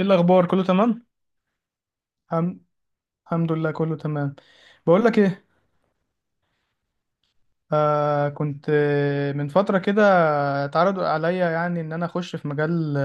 ايه الاخبار، كله تمام. الحم- الحمد لله، كله تمام. بقول لك ايه. آه، كنت من فتره كده اتعرض عليا يعني ان انا اخش في مجال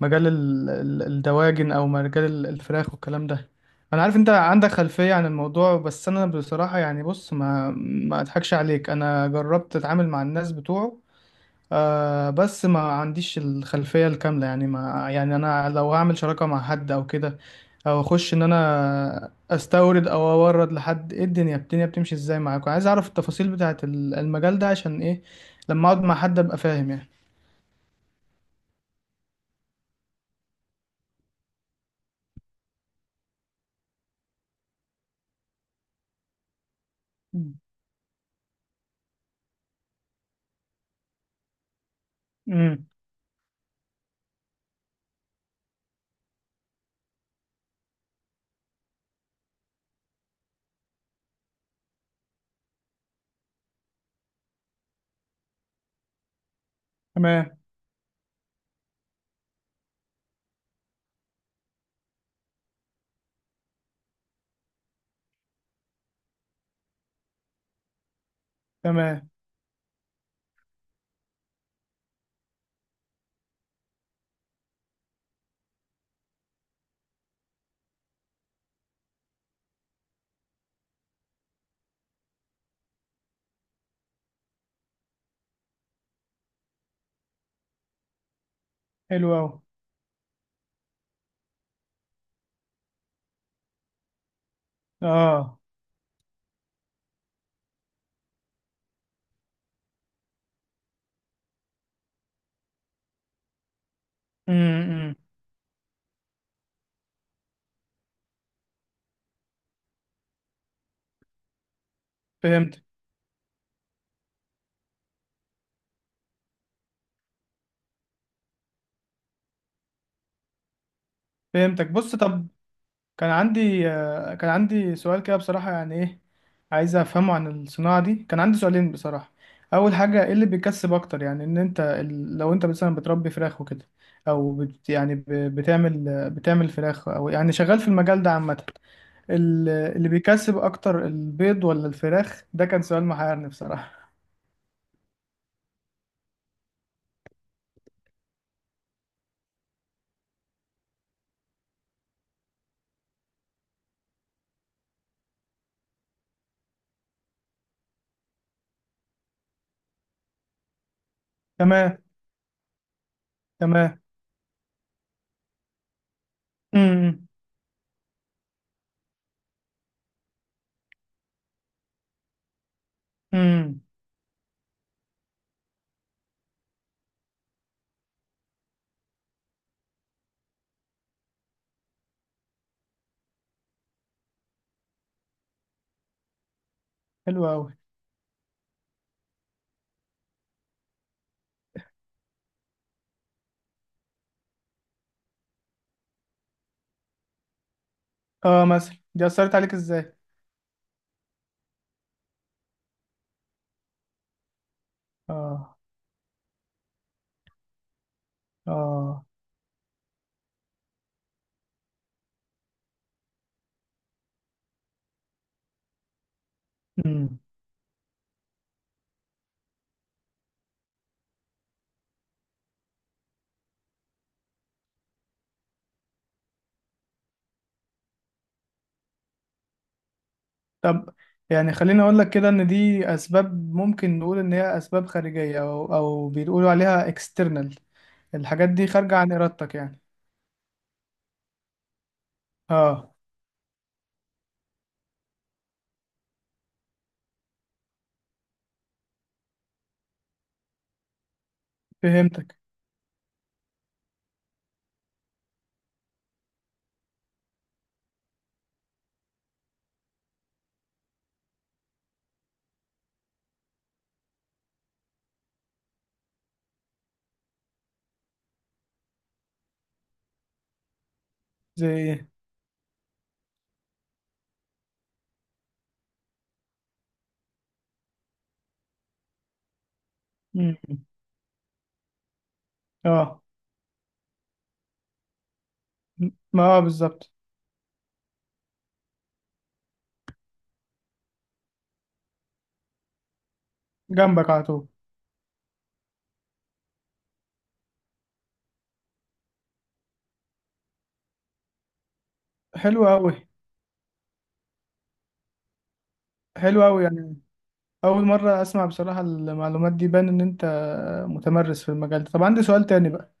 مجال الدواجن او مجال الفراخ والكلام ده. انا عارف انت عندك خلفيه عن الموضوع، بس انا بصراحه يعني بص، ما اضحكش عليك، انا جربت اتعامل مع الناس بتوعه. آه، بس ما عنديش الخلفية الكاملة، يعني ما يعني أنا لو هعمل شراكة مع حد أو كده، أو أخش إن أنا أستورد أو أورد لحد، إيه الدنيا بتمشي إزاي معاكم؟ عايز أعرف التفاصيل بتاعة المجال ده عشان إيه، لما أقعد مع حد أبقى فاهم يعني. مم. امم. تمام. تمام. حلو أوي. آه. امم. فهمت فهمتك. بص، طب. كان عندي سؤال كده بصراحة، يعني ايه عايز افهمه عن الصناعة دي. كان عندي سؤالين بصراحة. اول حاجة، ايه اللي بيكسب اكتر؟ يعني ان انت لو انت مثلا بتربي فراخ وكده، او بتعمل فراخ، او يعني شغال في المجال ده عامة. اللي بيكسب اكتر، البيض ولا الفراخ؟ ده كان سؤال محيرني بصراحة. تمام. تمام. امم. امم. إمم. حلو قوي. اه، مثلا دي اثرت عليك ازاي؟ اه. اه. إمم. طب يعني خليني اقول لك كده، ان دي اسباب ممكن نقول ان هي اسباب خارجيه، او بيقولوا عليها اكسترنال. الحاجات دي خارجه عن ارادتك يعني. اه. فهمتك. زي ايه؟ مم. اه، ما بالظبط، جنبك على طول. حلو قوي. حلو قوي يعني. اول مره اسمع بصراحه المعلومات دي، بان ان انت متمرس في المجال ده. طب عندي سؤال تاني بقى.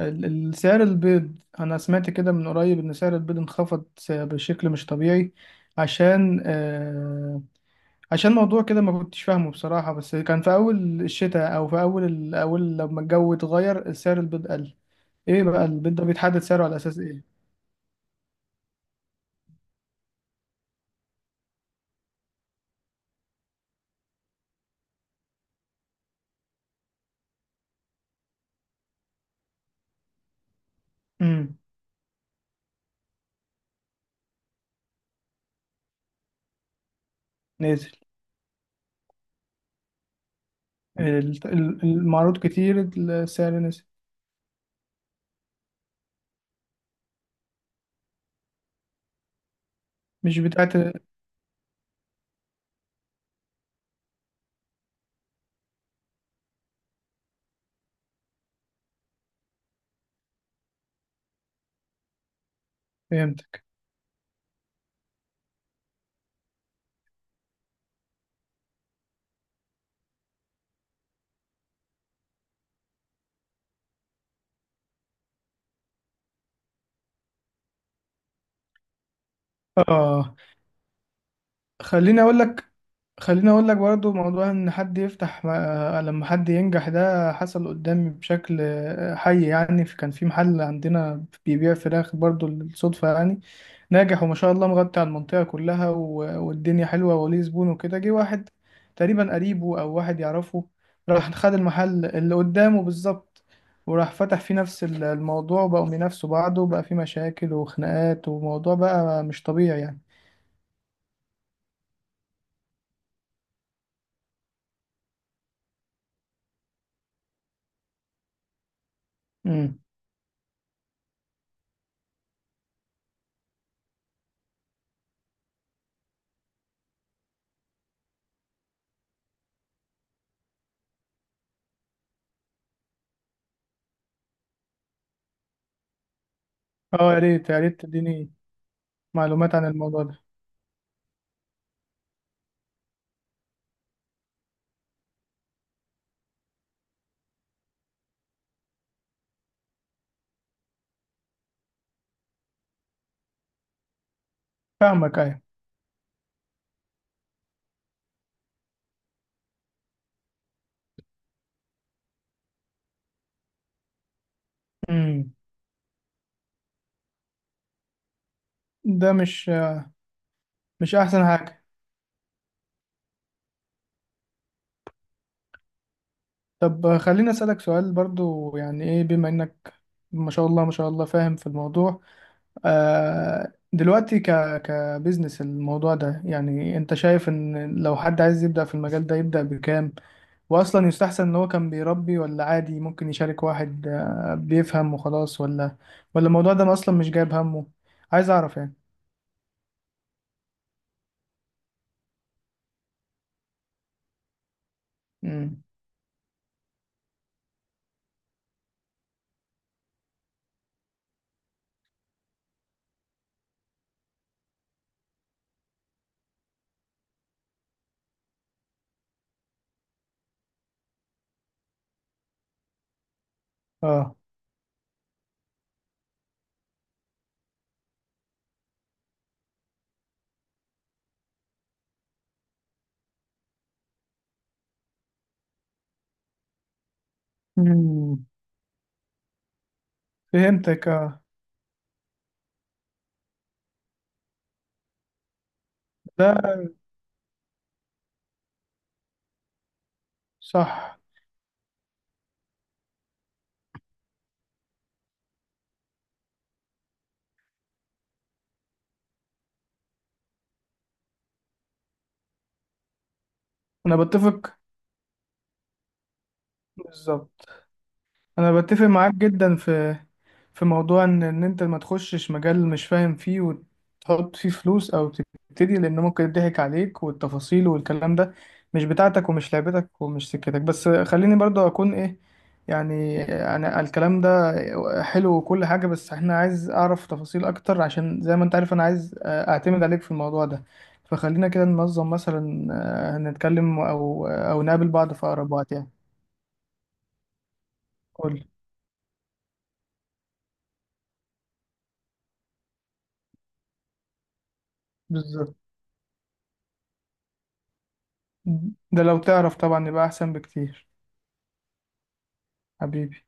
سعر البيض، أنا سمعت كده من قريب إن سعر البيض انخفض بشكل مش طبيعي، عشان آه عشان موضوع كده ما كنتش فاهمه بصراحة، بس كان في أول الشتاء أو في أول أول لما الجو اتغير سعر البيض قل. إيه بقى البيض ده بيتحدد سعره على أساس إيه؟ امم. نازل. المعروض كتير السعر نزل. مش بتاعت. فهمتك. آه. خليني اقول لك خليني اقول لك برضو، موضوع ان حد يفتح لما حد ينجح، ده حصل قدامي بشكل حي يعني. كان في محل عندنا بيبيع فراخ برضو بالصدفة يعني، ناجح وما شاء الله مغطي على المنطقة كلها والدنيا حلوة وليه زبون وكده. جه واحد تقريبا قريبه او واحد يعرفه، راح خد المحل اللي قدامه بالظبط، وراح فتح فيه نفس الموضوع، وبقوا بينافسوا بعض وبقى فيه مشاكل وخناقات وموضوع بقى مش طبيعي يعني. اه، يا ريت يا ريت تديني معلومات عن الموضوع ده. فاهمك، ايوه. امم. ده مش احسن حاجة. طب خليني اسألك سؤال برضو، يعني ايه بما انك ما شاء الله ما شاء الله فاهم في الموضوع، دلوقتي كبزنس الموضوع ده، يعني انت شايف ان لو حد عايز يبدأ في المجال ده يبدأ بكام؟ واصلا يستحسن ان هو كان بيربي، ولا عادي ممكن يشارك واحد بيفهم وخلاص، ولا الموضوع ده اصلا مش جايب همه؟ عايز اعرف يعني. امم. اه. مم. فهمتك. اه. ده. صح. انا بتفق. بالظبط. انا بتفق معاك جدا في موضوع ان انت ما تخشش مجال مش فاهم فيه وتحط فيه فلوس او تبتدي، لان ممكن يضحك عليك، والتفاصيل والكلام ده مش بتاعتك ومش لعبتك ومش سكتك. بس خليني برضه اكون ايه يعني، انا الكلام ده حلو وكل حاجة، بس احنا عايز اعرف تفاصيل اكتر، عشان زي ما انت عارف انا عايز اعتمد عليك في الموضوع ده. فخلينا كده ننظم، مثلا هنتكلم او نقابل بعض في اقرب وقت يعني. قول. بالظبط. ده لو تعرف طبعا يبقى احسن بكتير. حبيبي.